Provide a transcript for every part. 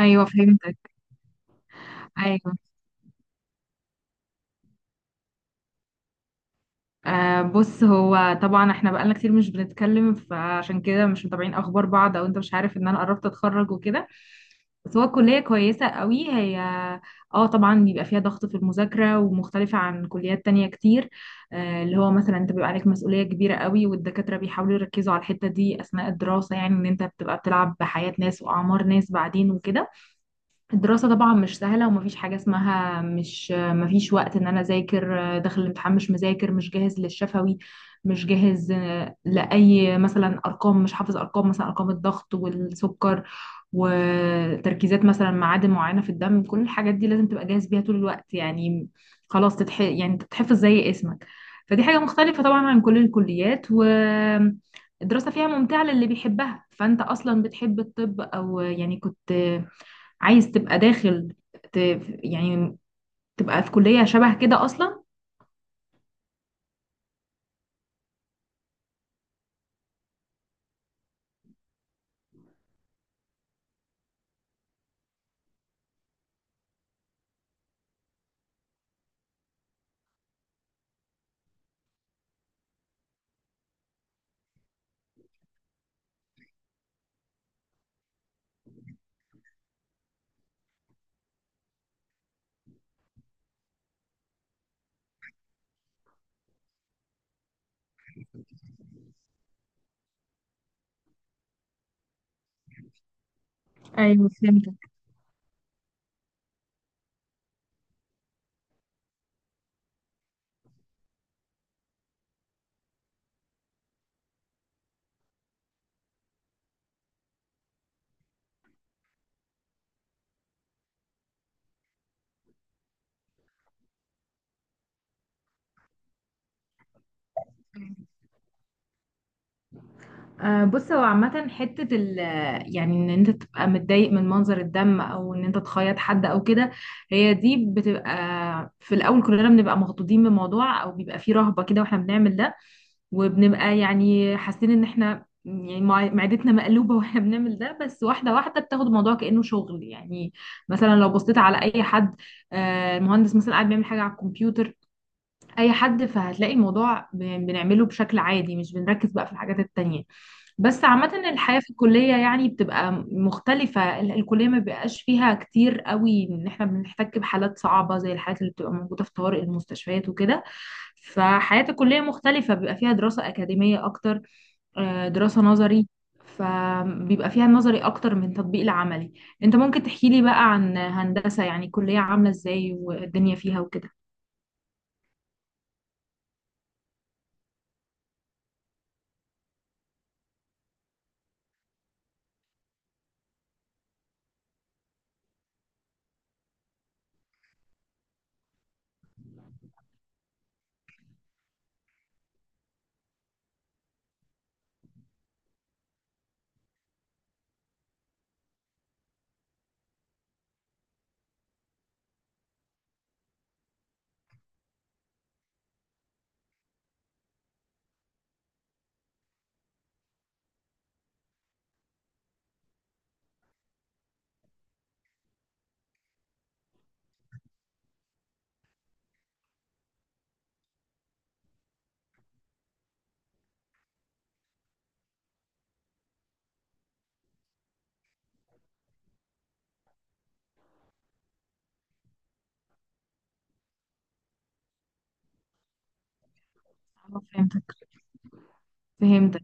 ايوه فهمتك. ايوه. آه بص، هو طبعا احنا بقالنا كتير مش بنتكلم، فعشان كده مش متابعين اخبار بعض، او انت مش عارف ان انا قربت اتخرج وكده. بس هو الكليه كويسه قوي هي. اه طبعا بيبقى فيها ضغط في المذاكره، ومختلفه عن كليات تانية كتير. آه، اللي هو مثلا انت بيبقى عليك مسؤوليه كبيره قوي، والدكاتره بيحاولوا يركزوا على الحته دي اثناء الدراسه، يعني ان انت بتبقى بتلعب بحياه ناس واعمار ناس بعدين وكده. الدراسة طبعا مش سهلة، ومفيش حاجة اسمها مش مفيش وقت، ان انا اذاكر داخل الامتحان مش مذاكر، مش جاهز للشفوي، مش جاهز. آه، لأي مثلا ارقام، مش حافظ ارقام، مثلا ارقام الضغط والسكر وتركيزات، مثلا معادن معينة في الدم. كل الحاجات دي لازم تبقى جاهز بيها طول الوقت يعني. خلاص يعني تتحفظ زي اسمك. فدي حاجة مختلفة طبعا عن كل الكليات. و الدراسة فيها ممتعة للي بيحبها، فأنت أصلا بتحب الطب، أو يعني كنت عايز تبقى داخل، ت... يعني تبقى في كلية شبه كده أصلا. ايوه فهمتك. آه، بص، هو عامة حتة ال، يعني ان انت تبقى متضايق من منظر الدم، او ان انت تخيط حد او كده، هي دي بتبقى في الاول كلنا بنبقى مخضوضين بالموضوع، او بيبقى فيه رهبة كده واحنا بنعمل ده، وبنبقى يعني حاسين ان احنا يعني معدتنا مقلوبة واحنا بنعمل ده. بس واحدة واحدة بتاخد الموضوع كأنه شغل يعني. مثلا لو بصيت على اي حد، آه، المهندس مثلا قاعد بيعمل حاجة على الكمبيوتر، اي حد، فهتلاقي الموضوع بنعمله بشكل عادي، مش بنركز بقى في الحاجات التانية. بس عامة الحياة في الكلية يعني بتبقى مختلفة. الكلية ما بيبقاش فيها كتير قوي ان احنا بنحتك بحالات صعبة زي الحالات اللي بتبقى موجودة في طوارئ المستشفيات وكده. فحياة الكلية مختلفة، بيبقى فيها دراسة أكاديمية أكتر، آه، دراسة نظري، فبيبقى فيها نظري أكتر من تطبيق العملي. انت ممكن تحكي لي بقى عن هندسة، يعني كلية عاملة ازاي، والدنيا فيها وكده؟ فهمتك. فهمتك.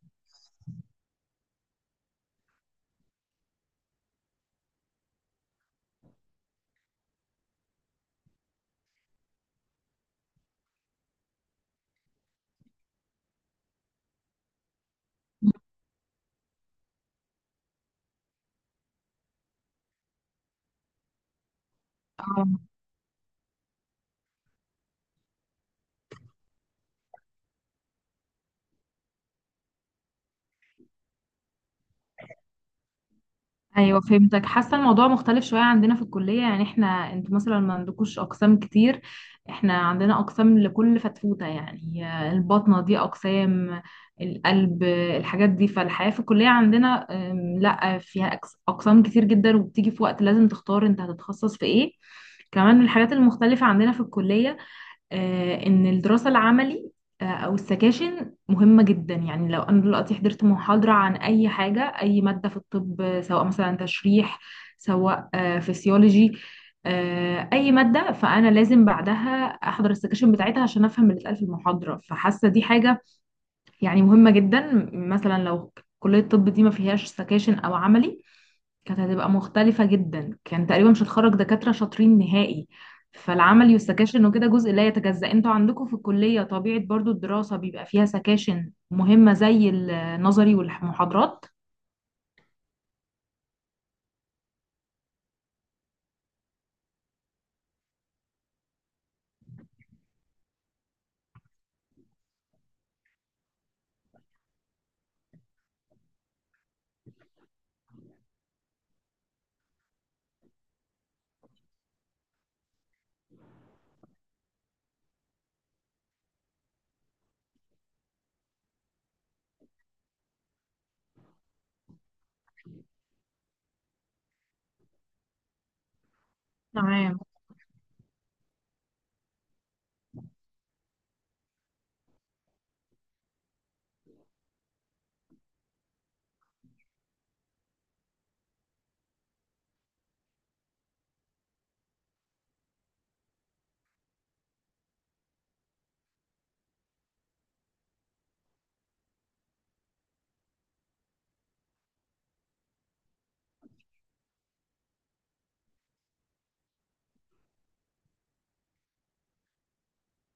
آه، ايوه فهمتك. حاسه الموضوع مختلف شويه عندنا في الكليه، يعني احنا، انتوا مثلا ما عندكوش اقسام كتير. احنا عندنا اقسام لكل فتفوته يعني. البطنه دي اقسام، القلب، الحاجات دي. فالحياه في الكليه عندنا، لا فيها اقسام كتير جدا، وبتيجي في وقت لازم تختار انت هتتخصص في ايه. كمان من الحاجات المختلفه عندنا في الكليه، آه، ان الدراسه العملي، آه، او السكاشن مهمه جدا. يعني لو انا دلوقتي حضرت محاضره عن اي حاجه، اي ماده في الطب، آه، سواء مثلا تشريح، سواء آه، فسيولوجي، آه، اي ماده، فانا لازم بعدها احضر السكاشن بتاعتها عشان افهم اللي اتقال في المحاضره. فحاسه دي حاجه يعني مهمه جدا. مثلا لو كليه الطب دي ما فيهاش سكاشن او عملي، كانت هتبقى مختلفة جدا، كان تقريبا مش هتخرج دكاترة شاطرين نهائي. فالعملي والسكاشن وكده جزء لا يتجزأ. انتوا عندكم في الكلية طبيعة برضو الدراسة بيبقى فيها سكاشن مهمة زي النظري والمحاضرات؟ تمام.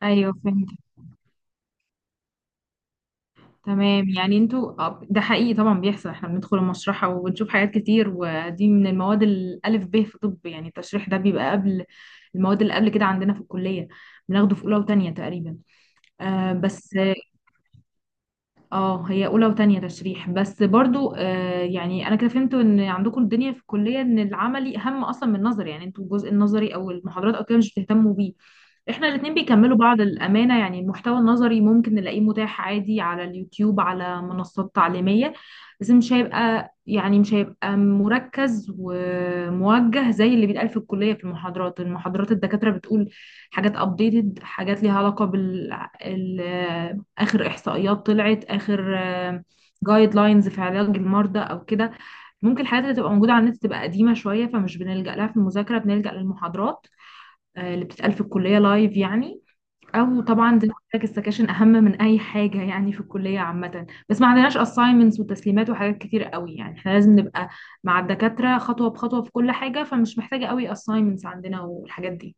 ايوه فهمت. تمام، يعني انتوا، آه، ده حقيقي طبعا بيحصل، احنا بندخل المشرحة وبنشوف حاجات كتير، ودي من المواد الألف ب في طب، يعني التشريح ده بيبقى قبل المواد اللي قبل كده عندنا في الكلية، بناخده في أولى وتانية تقريبا. آه بس. اه هي اولى وتانية تشريح بس برضو. آه، يعني انا كده فهمت ان عندكم الدنيا في الكلية ان العملي اهم اصلا من النظري، يعني انتوا الجزء النظري او المحاضرات او كده مش بتهتموا بيه. احنا الاتنين بيكملوا بعض الامانة، يعني المحتوى النظري ممكن نلاقيه متاح عادي على اليوتيوب، على منصات تعليمية، بس مش هيبقى يعني مش هيبقى مركز وموجه زي اللي بيتقال في الكلية في المحاضرات. المحاضرات الدكاترة بتقول حاجات ابديتد، حاجات ليها علاقة بال، اخر احصائيات طلعت، اخر جايد لاينز في علاج المرضى او كده. ممكن الحاجات اللي تبقى موجوده على النت تبقى قديمه شويه، فمش بنلجأ لها في المذاكره، بنلجأ للمحاضرات، آه، اللي بتتقال في الكليه لايف يعني. او طبعا زي ما قلت لك السكاشن اهم من اي حاجه يعني في الكليه عامه. بس ما عندناش assignments وتسليمات وحاجات كتير قوي، يعني احنا لازم نبقى مع الدكاتره خطوه بخطوه في كل حاجه، فمش محتاجه قوي assignments عندنا والحاجات دي.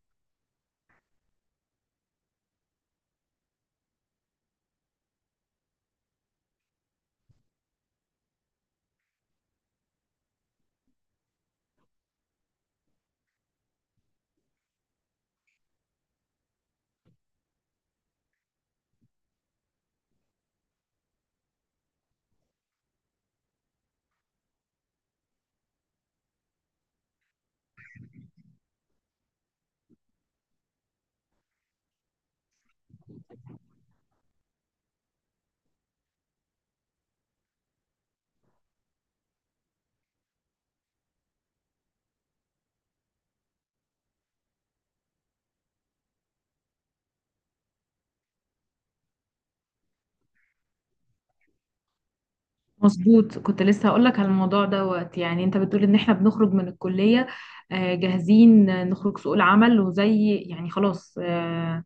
مظبوط، كنت لسه هقولك على الموضوع دوت. يعني انت بتقول ان احنا بنخرج من الكلية، آه، جاهزين، آه، نخرج سوق العمل وزي يعني خلاص، آه،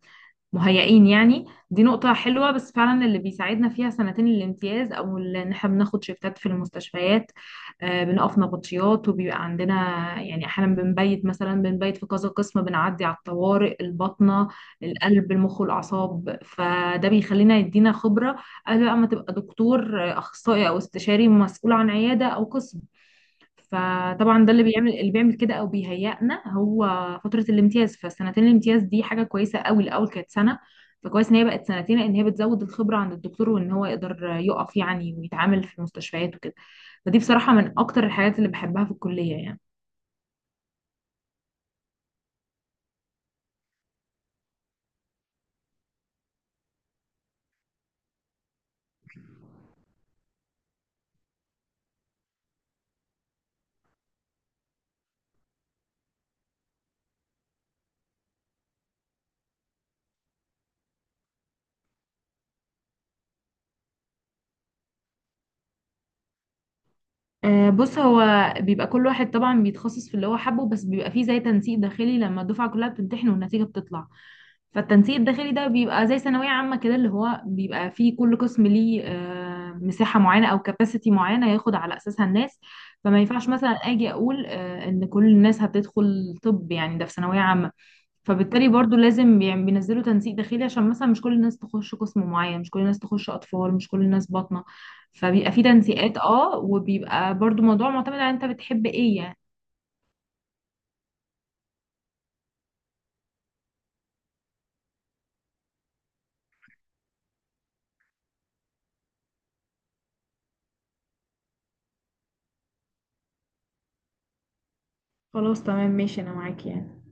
مهيئين يعني. دي نقطة حلوة، بس فعلا اللي بيساعدنا فيها سنتين الامتياز، أو ال، إن احنا بناخد شيفتات في المستشفيات، آه، بنقف نبطشيات، وبيبقى عندنا يعني أحيانا بنبيت، مثلا بنبيت في كذا قسم، بنعدي على الطوارئ، الباطنة، القلب، المخ والأعصاب. فده بيخلينا يدينا خبرة قبل بقى ما تبقى دكتور، آه، أخصائي أو استشاري مسؤول عن عيادة أو قسم. فطبعا ده اللي بيعمل، اللي بيعمل كده او بيهيئنا هو فتره الامتياز. فسنتين الامتياز دي حاجه كويسه قوي، الاول كانت سنه، فكويس ان هي بقت سنتين، لان هي بتزود الخبره عند الدكتور، وان هو يقدر يقف يعني ويتعامل في المستشفيات وكده. فدي بصراحه من اكتر الحاجات اللي بحبها في الكليه يعني. آه، بص، هو بيبقى كل واحد طبعا بيتخصص في اللي هو حابه، بس بيبقى فيه زي تنسيق داخلي لما الدفعه كلها بتمتحن والنتيجه بتطلع. فالتنسيق الداخلي ده بيبقى زي ثانوية عامة كده، اللي هو بيبقى فيه كل قسم ليه، آه، مساحة معينة أو كاباسيتي معينة ياخد على أساسها الناس. فما ينفعش مثلا أجي أقول، آه، إن كل الناس هتدخل طب يعني ده في ثانوية عامة. فبالتالي برضو لازم يعني بينزلوا تنسيق داخلي، عشان مثلا مش كل الناس تخش قسم معين، مش كل الناس تخش أطفال، مش كل الناس باطنة. فبيبقى فيه تنسيقات اه، وبيبقى برضو موضوع معتمد على أنت بتحب إيه يعني. خلاص تمام ماشي، أنا معاك يعني.